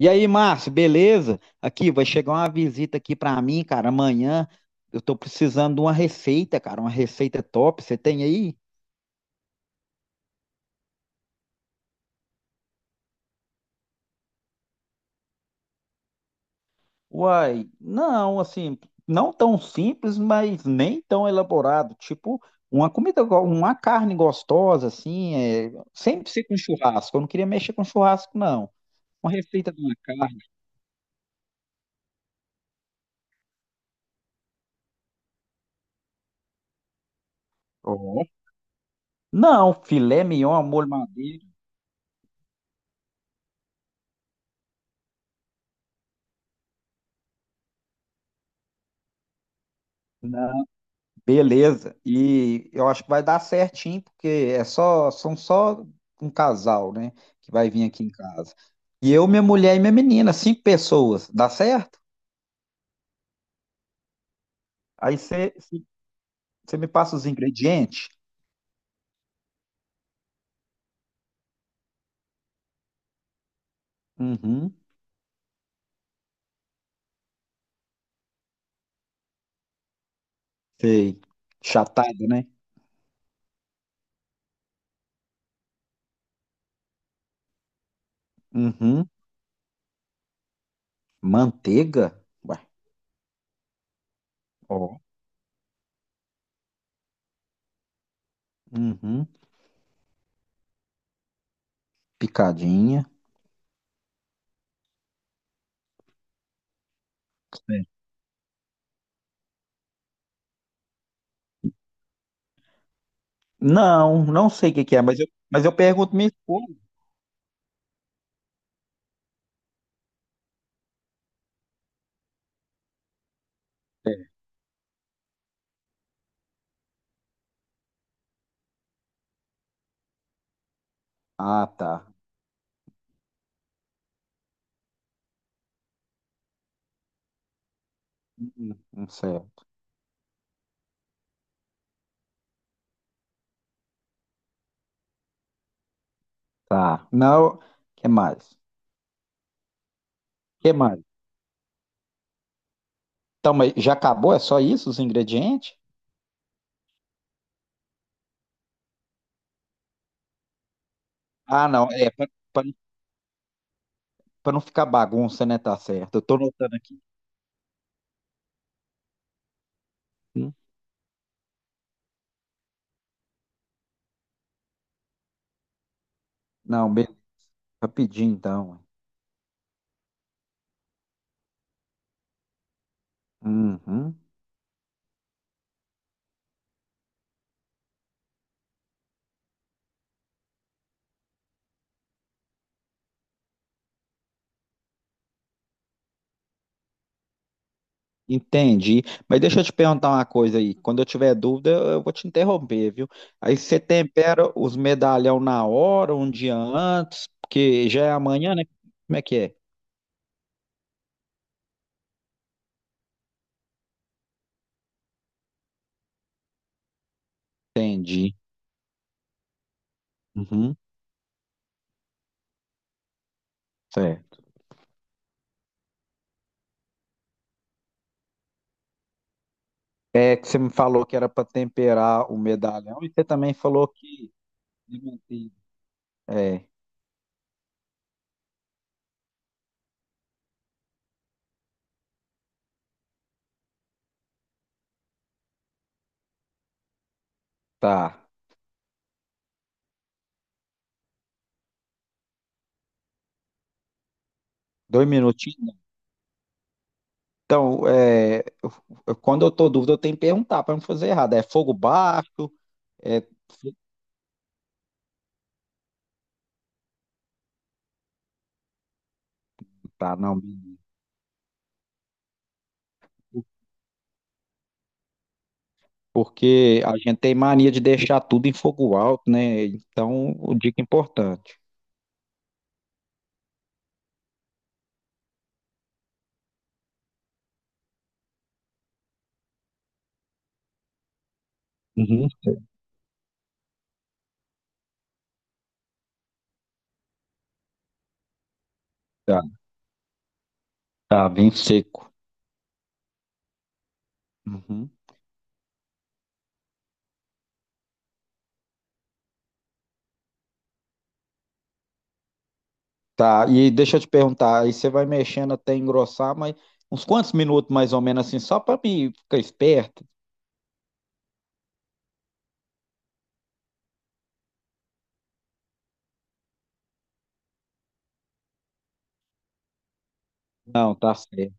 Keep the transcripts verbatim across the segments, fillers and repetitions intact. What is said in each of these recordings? E aí, Márcio, beleza? Aqui, vai chegar uma visita aqui pra mim, cara, amanhã. Eu tô precisando de uma receita, cara, uma receita top. Você tem aí? Uai, não, assim, não tão simples, mas nem tão elaborado. Tipo, uma comida, go- uma carne gostosa, assim, é... sempre ser com churrasco. Eu não queria mexer com churrasco, não. Uma receita de uma carne. Ó. Não, filé mignon, ao molho madeira. Beleza. E eu acho que vai dar certinho, porque é só, são só um casal, né? Que vai vir aqui em casa. E eu, minha mulher e minha menina, cinco pessoas. Dá certo? Aí você você me passa os ingredientes. Uhum. Sei. Chatada, né? Uhum. Manteiga. Ué. Ó. Uhum. Picadinha. Sei. Não, não sei o que que é, mas eu, mas eu pergunto minha esposa. É. Ah, tá. Uhum. Não sei. Tá. Não. O que mais? Que mais? Então, mas já acabou? É só isso os ingredientes? Ah, não. É para não ficar bagunça, né? Tá certo. Eu tô anotando aqui. Hum. Não, be- rapidinho então. Uhum. Entendi. Mas deixa eu te perguntar uma coisa aí. Quando eu tiver dúvida, eu eu vou te interromper, viu? Aí você tempera os medalhão na hora, um dia antes, porque já é amanhã, né? Como é que é? Entendi. Uhum. Certo. É que você me falou que era para temperar o medalhão e você também falou que É, tá. Dois minutinhos? Então, é, eu- quando eu tô dúvida, eu tenho que perguntar para não fazer errado. É fogo baixo? É... fogo- Tá, não. Porque a gente tem mania de deixar tudo em fogo alto, né? Então, o dica importante. Uhum. Tá, tá, bem seco. Uhum. Tá, e deixa eu te perguntar, aí você vai mexendo até engrossar, mas uns quantos minutos mais ou menos assim, só para mim ficar esperto? Não, tá certo.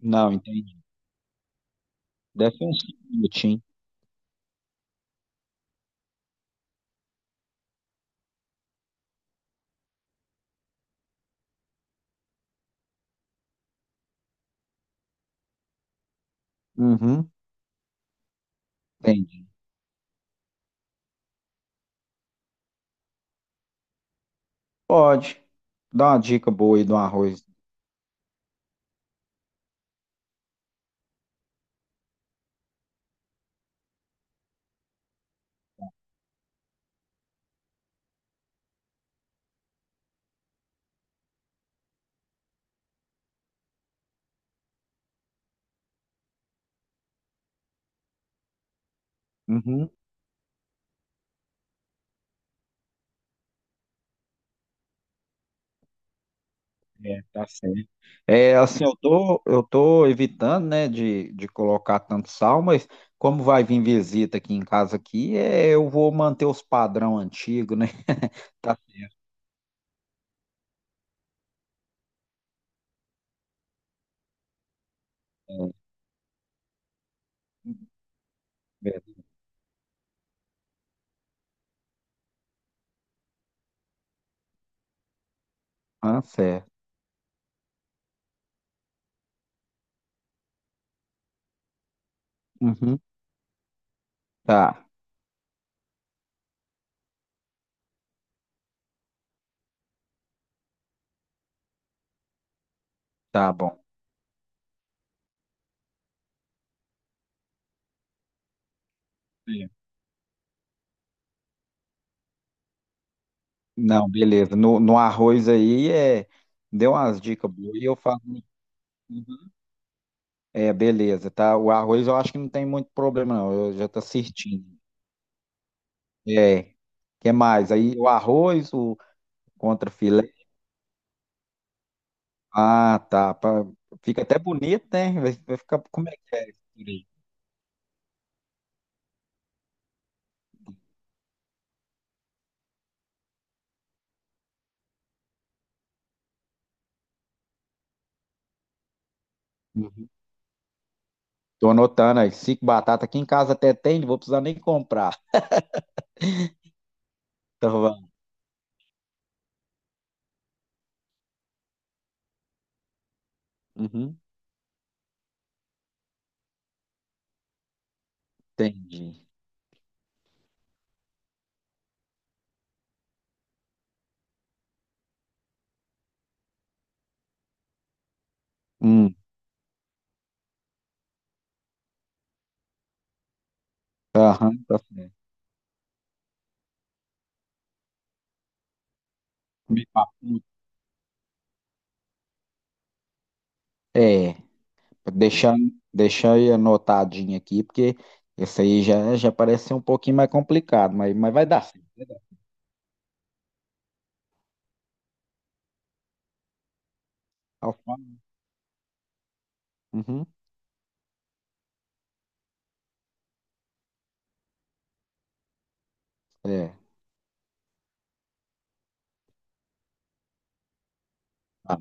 Não, entendi. Deve ser uns cinco minutinhos. Uhum. Entendi. Pode. Dá uma dica boa aí do arroz. Uhum. É, tá certo. É, assim, eu tô, eu tô evitando, né, de, de colocar tanto sal, mas como vai vir visita aqui em casa aqui, é, eu vou manter os padrão antigo, né? Tá certo. Beleza. Ah, certo. Uhum. Tá, tá bom. É. Não, beleza. No, no arroz aí, é, deu umas dicas boas e eu faço. Uhum. É, beleza, tá? O arroz eu acho que não tem muito problema, não. Eu já tô assistindo. É. que mais? Aí o arroz, o contra filé. Ah, tá. Pra- Fica até bonito, né? Vai, vai ficar. Como é que é? Isso aí? Uhum. Tô anotando aí. Cinco batatas. Aqui em casa até tem, não vou precisar nem comprar. Tá bom. Uhum. Entendi. Hum. Aham, tá certo. Meio papo. É, deixando, deixar aí anotadinho aqui, porque esse aí já, já parece ser um pouquinho mais complicado, mas, mas vai dar certo. Vai dar. Alfa. Uhum. É. Tá.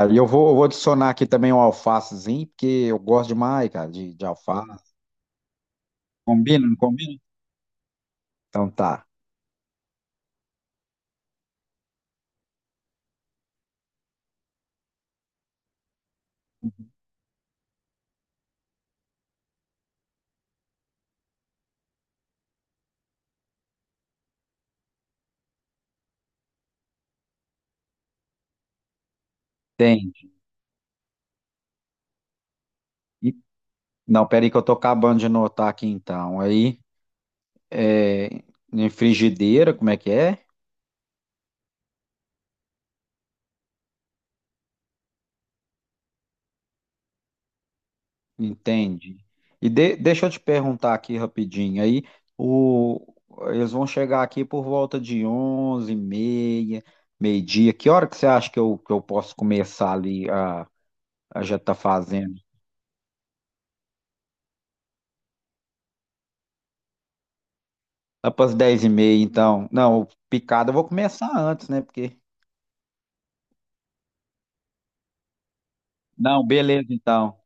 Aí eu vou, eu vou adicionar aqui também um alfacezinho, porque eu gosto demais, cara, de, de alface. Combina, não combina? Então tá. Tem. E- Não, peraí que eu tô acabando de anotar aqui então. Aí, é, em frigideira, como é que é? Entende? E de- deixa eu te perguntar aqui rapidinho. Aí, o, eles vão chegar aqui por volta de onze e meia, meio-dia. Que hora que você acha que eu, que eu posso começar ali a, a, já tá fazendo? Lá para as dez e meia, então. Não, o picado eu vou começar antes, né? Porque. Não, beleza, então.